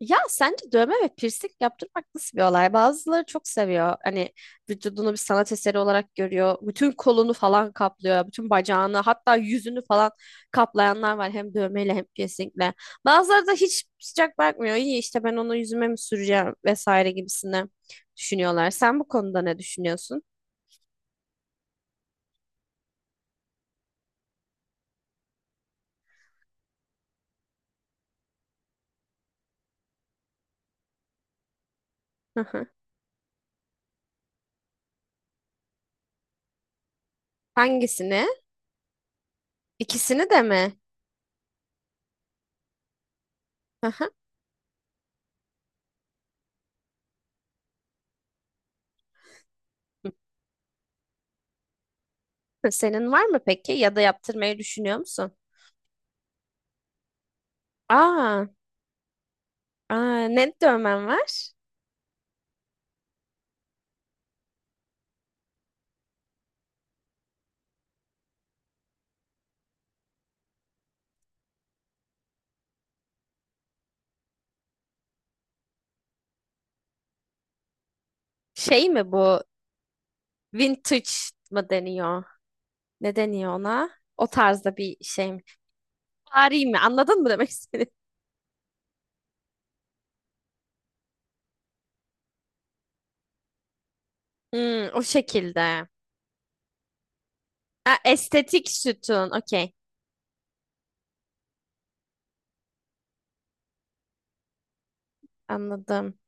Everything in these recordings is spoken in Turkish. Ya sence dövme ve piercing yaptırmak nasıl bir olay? Bazıları çok seviyor. Hani vücudunu bir sanat eseri olarak görüyor. Bütün kolunu falan kaplıyor. Bütün bacağını hatta yüzünü falan kaplayanlar var. Hem dövmeyle hem piercingle. Bazıları da hiç sıcak bakmıyor. İyi işte ben onu yüzüme mi süreceğim vesaire gibisine düşünüyorlar. Sen bu konuda ne düşünüyorsun? Hı hı. Hangisini? İkisini de mi? Hı hı. Senin var mı peki? Ya da yaptırmayı düşünüyor musun? Aa, aa ne dövmen var? Şey mi bu? Vintage mı deniyor? Ne deniyor ona? O tarzda bir şey mi? Vari mi? Anladın mı demek istediğimi? Hmm, o şekilde. Ha, estetik sütun. Okey. Anladım.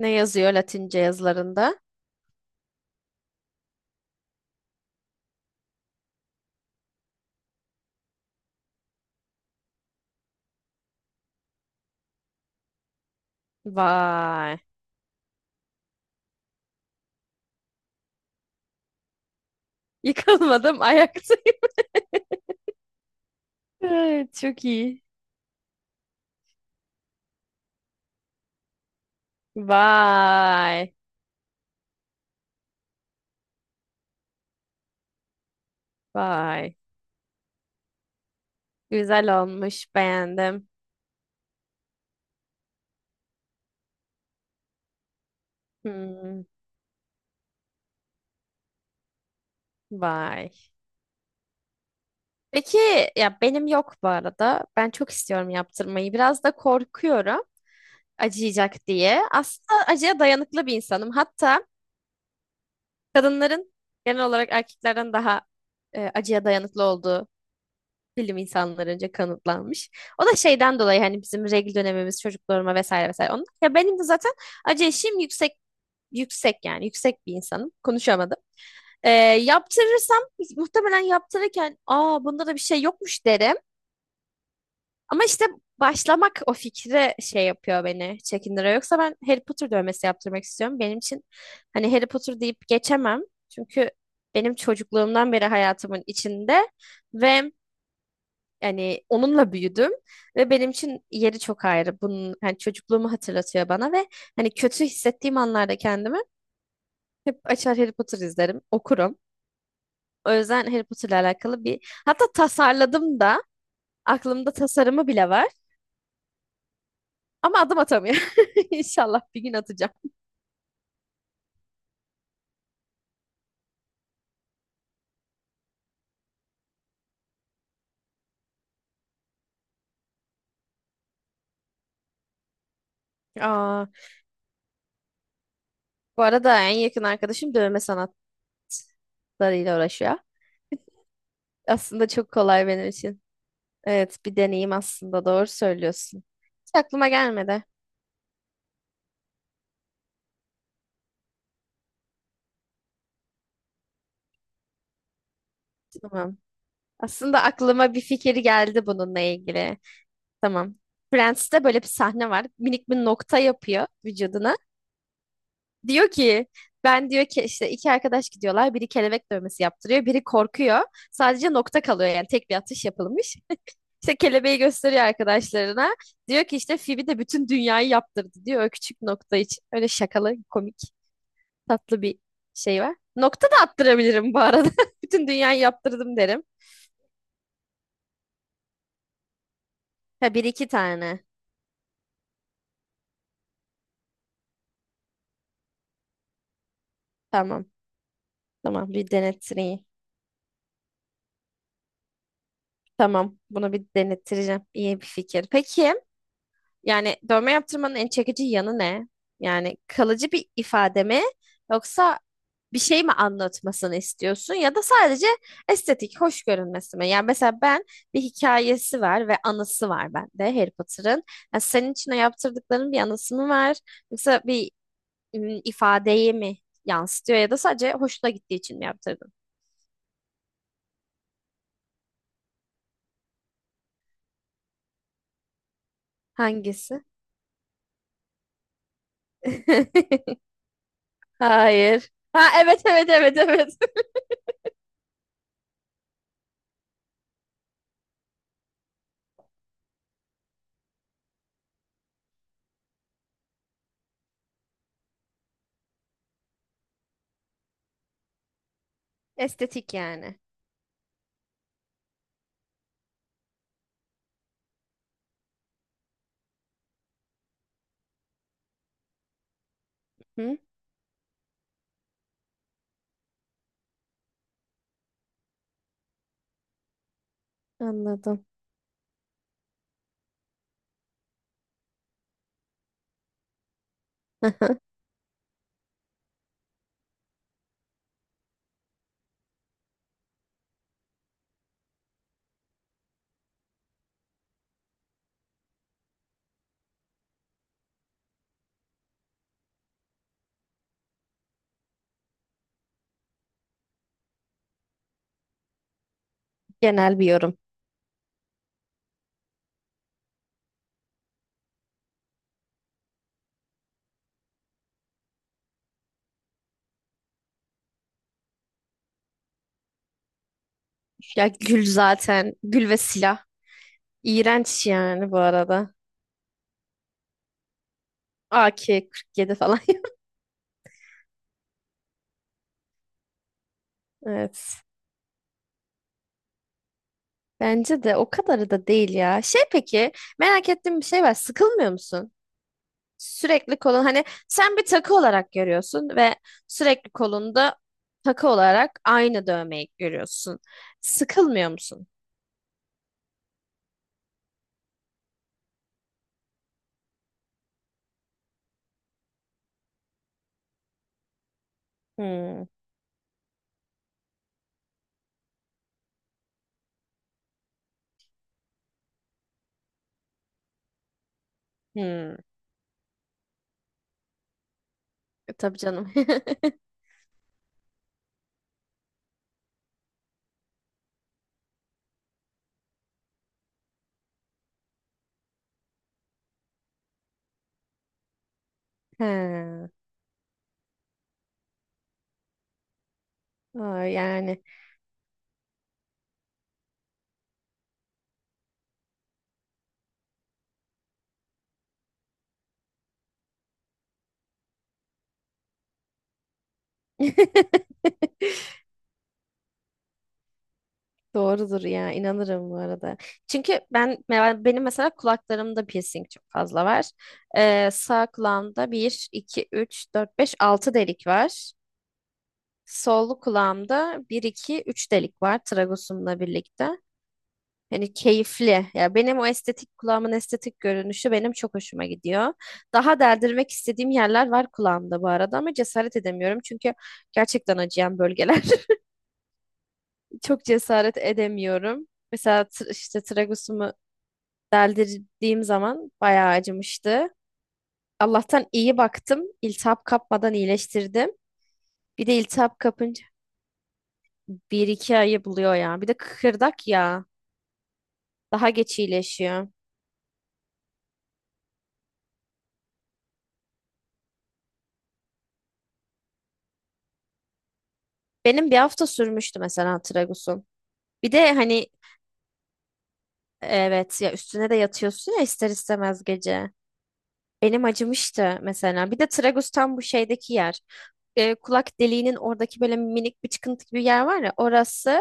Ne yazıyor Latince yazılarında? Vay. Yıkılmadım ayaktayım. Evet, çok iyi. Vay. Vay. Güzel olmuş. Beğendim. Hmm, vay. Peki ya benim yok bu arada. Ben çok istiyorum yaptırmayı. Biraz da korkuyorum acıyacak diye. Aslında acıya dayanıklı bir insanım. Hatta kadınların genel olarak erkeklerden daha acıya dayanıklı olduğu bilim insanlarınca kanıtlanmış. O da şeyden dolayı hani bizim regl dönemimiz, çocukluğuma vesaire vesaire. Onun, ya benim de zaten acı eşiğim yüksek yani yüksek bir insanım. Konuşamadım. Yaptırırsam muhtemelen yaptırırken aa bunda da bir şey yokmuş derim. Ama işte başlamak o fikre şey yapıyor beni çekindiriyor. Yoksa ben Harry Potter dövmesi yaptırmak istiyorum. Benim için hani Harry Potter deyip geçemem. Çünkü benim çocukluğumdan beri hayatımın içinde ve yani onunla büyüdüm ve benim için yeri çok ayrı. Bunun hani çocukluğumu hatırlatıyor bana ve hani kötü hissettiğim anlarda kendimi hep açar Harry Potter izlerim, okurum. O yüzden Harry Potter'la alakalı bir hatta tasarladım da aklımda tasarımı bile var. Ama adım atamıyor. İnşallah bir gün atacağım. Aa, bu arada en yakın arkadaşım dövme sanatlarıyla uğraşıyor. Aslında çok kolay benim için. Evet, bir deneyim aslında. Doğru söylüyorsun. Hiç aklıma gelmedi. Tamam. Aslında aklıma bir fikir geldi bununla ilgili. Tamam. Friends'te böyle bir sahne var. Minik bir nokta yapıyor vücuduna. Diyor ki ben diyor ki işte iki arkadaş gidiyorlar. Biri kelebek dövmesi yaptırıyor. Biri korkuyor. Sadece nokta kalıyor yani tek bir atış yapılmış. İşte kelebeği gösteriyor arkadaşlarına. Diyor ki işte Phoebe de bütün dünyayı yaptırdı diyor o küçük nokta için. Öyle şakalı, komik, tatlı bir şey var. Nokta da attırabilirim bu arada. Bütün dünyayı yaptırdım derim. Ha bir iki tane. Tamam. Tamam bir denettireyim. Tamam bunu bir denettireceğim. İyi bir fikir. Peki yani dövme yaptırmanın en çekici yanı ne? Yani kalıcı bir ifade mi? Yoksa bir şey mi anlatmasını istiyorsun ya da sadece estetik, hoş görünmesi mi? Yani mesela ben bir hikayesi var ve anısı var bende Harry Potter'ın. Yani senin için o yaptırdıkların bir anısı mı var? Yoksa bir ifadeyi mi yansıtıyor ya da sadece hoşuna gittiği için mi yaptırdın? Hangisi? Hayır. Ha evet evet evet evet. Estetik yani. Hı? Anladım. Genel bir yorum. Ya gül zaten. Gül ve silah. İğrenç yani bu arada. AK-47 falan. Evet. Bence de o kadarı da değil ya. Şey peki merak ettiğim bir şey var. Sıkılmıyor musun? Sürekli kolun hani sen bir takı olarak görüyorsun ve sürekli kolunda takı olarak aynı dövmeyi görüyorsun. Sıkılmıyor musun? Hmm. Hmm. Tabii canım. He. Aa, yani. Doğrudur ya inanırım bu arada. Çünkü ben benim mesela kulaklarımda piercing çok fazla var. Sağ kulağımda bir 2 3 4 5 6 delik var. Sol kulağımda bir 2 3 delik var tragosumla birlikte. Hani keyifli. Ya benim o estetik kulağımın estetik görünüşü benim çok hoşuma gidiyor. Daha deldirmek istediğim yerler var kulağımda bu arada ama cesaret edemiyorum. Çünkü gerçekten acıyan bölgeler. Çok cesaret edemiyorum. Mesela işte tragosumu deldirdiğim zaman bayağı acımıştı. Allah'tan iyi baktım. İltihap kapmadan iyileştirdim. Bir de iltihap kapınca bir iki ayı buluyor ya. Bir de kıkırdak ya. Daha geç iyileşiyor. Benim bir hafta sürmüştü mesela tragusun. Bir de hani evet ya üstüne de yatıyorsun ya ister istemez gece. Elim acımıştı mesela. Bir de tragus tam bu şeydeki yer. Kulak deliğinin oradaki böyle minik bir çıkıntı gibi yer var ya orası.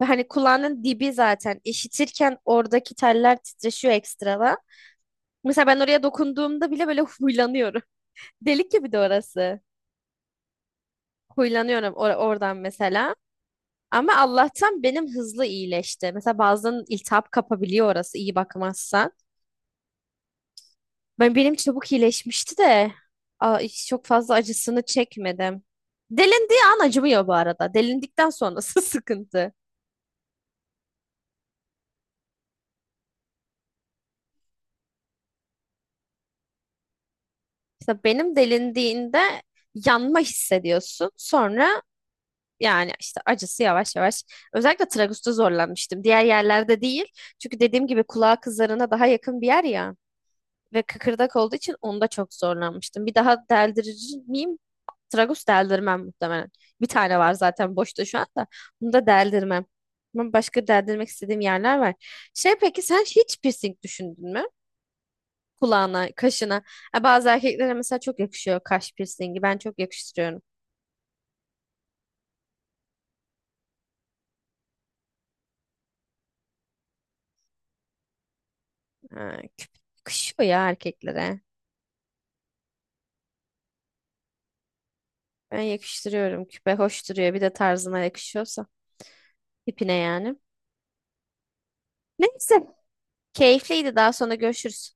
Ve hani kulağının dibi zaten. İşitirken oradaki teller titreşiyor ekstradan. Mesela ben oraya dokunduğumda bile böyle huylanıyorum. Delik gibi de orası. Huylanıyorum oradan mesela. Ama Allah'tan benim hızlı iyileşti. Mesela bazen iltihap kapabiliyor orası iyi bakmazsan. Benim çabuk iyileşmişti de hiç çok fazla acısını çekmedim. Delindiği an acımıyor bu arada. Delindikten sonrası sıkıntı. İşte benim delindiğinde yanma hissediyorsun. Sonra yani işte acısı yavaş yavaş. Özellikle tragusta zorlanmıştım. Diğer yerlerde değil. Çünkü dediğim gibi kulağa kızlarına daha yakın bir yer ya. Ve kıkırdak olduğu için onda çok zorlanmıştım. Bir daha deldirir miyim Tragus deldirmem muhtemelen. Bir tane var zaten boşta şu anda. Bunu da deldirmem. Ama başka deldirmek istediğim yerler var. Şey peki sen hiç piercing düşündün mü? Kulağına, kaşına. Ha, bazı erkeklere mesela çok yakışıyor kaş piercingi. Ben çok yakıştırıyorum. Ha, küp yakışıyor ya erkeklere. Ben yakıştırıyorum. Küpe hoş duruyor. Bir de tarzına yakışıyorsa. Tipine yani. Neyse. Keyifliydi. Daha sonra görüşürüz.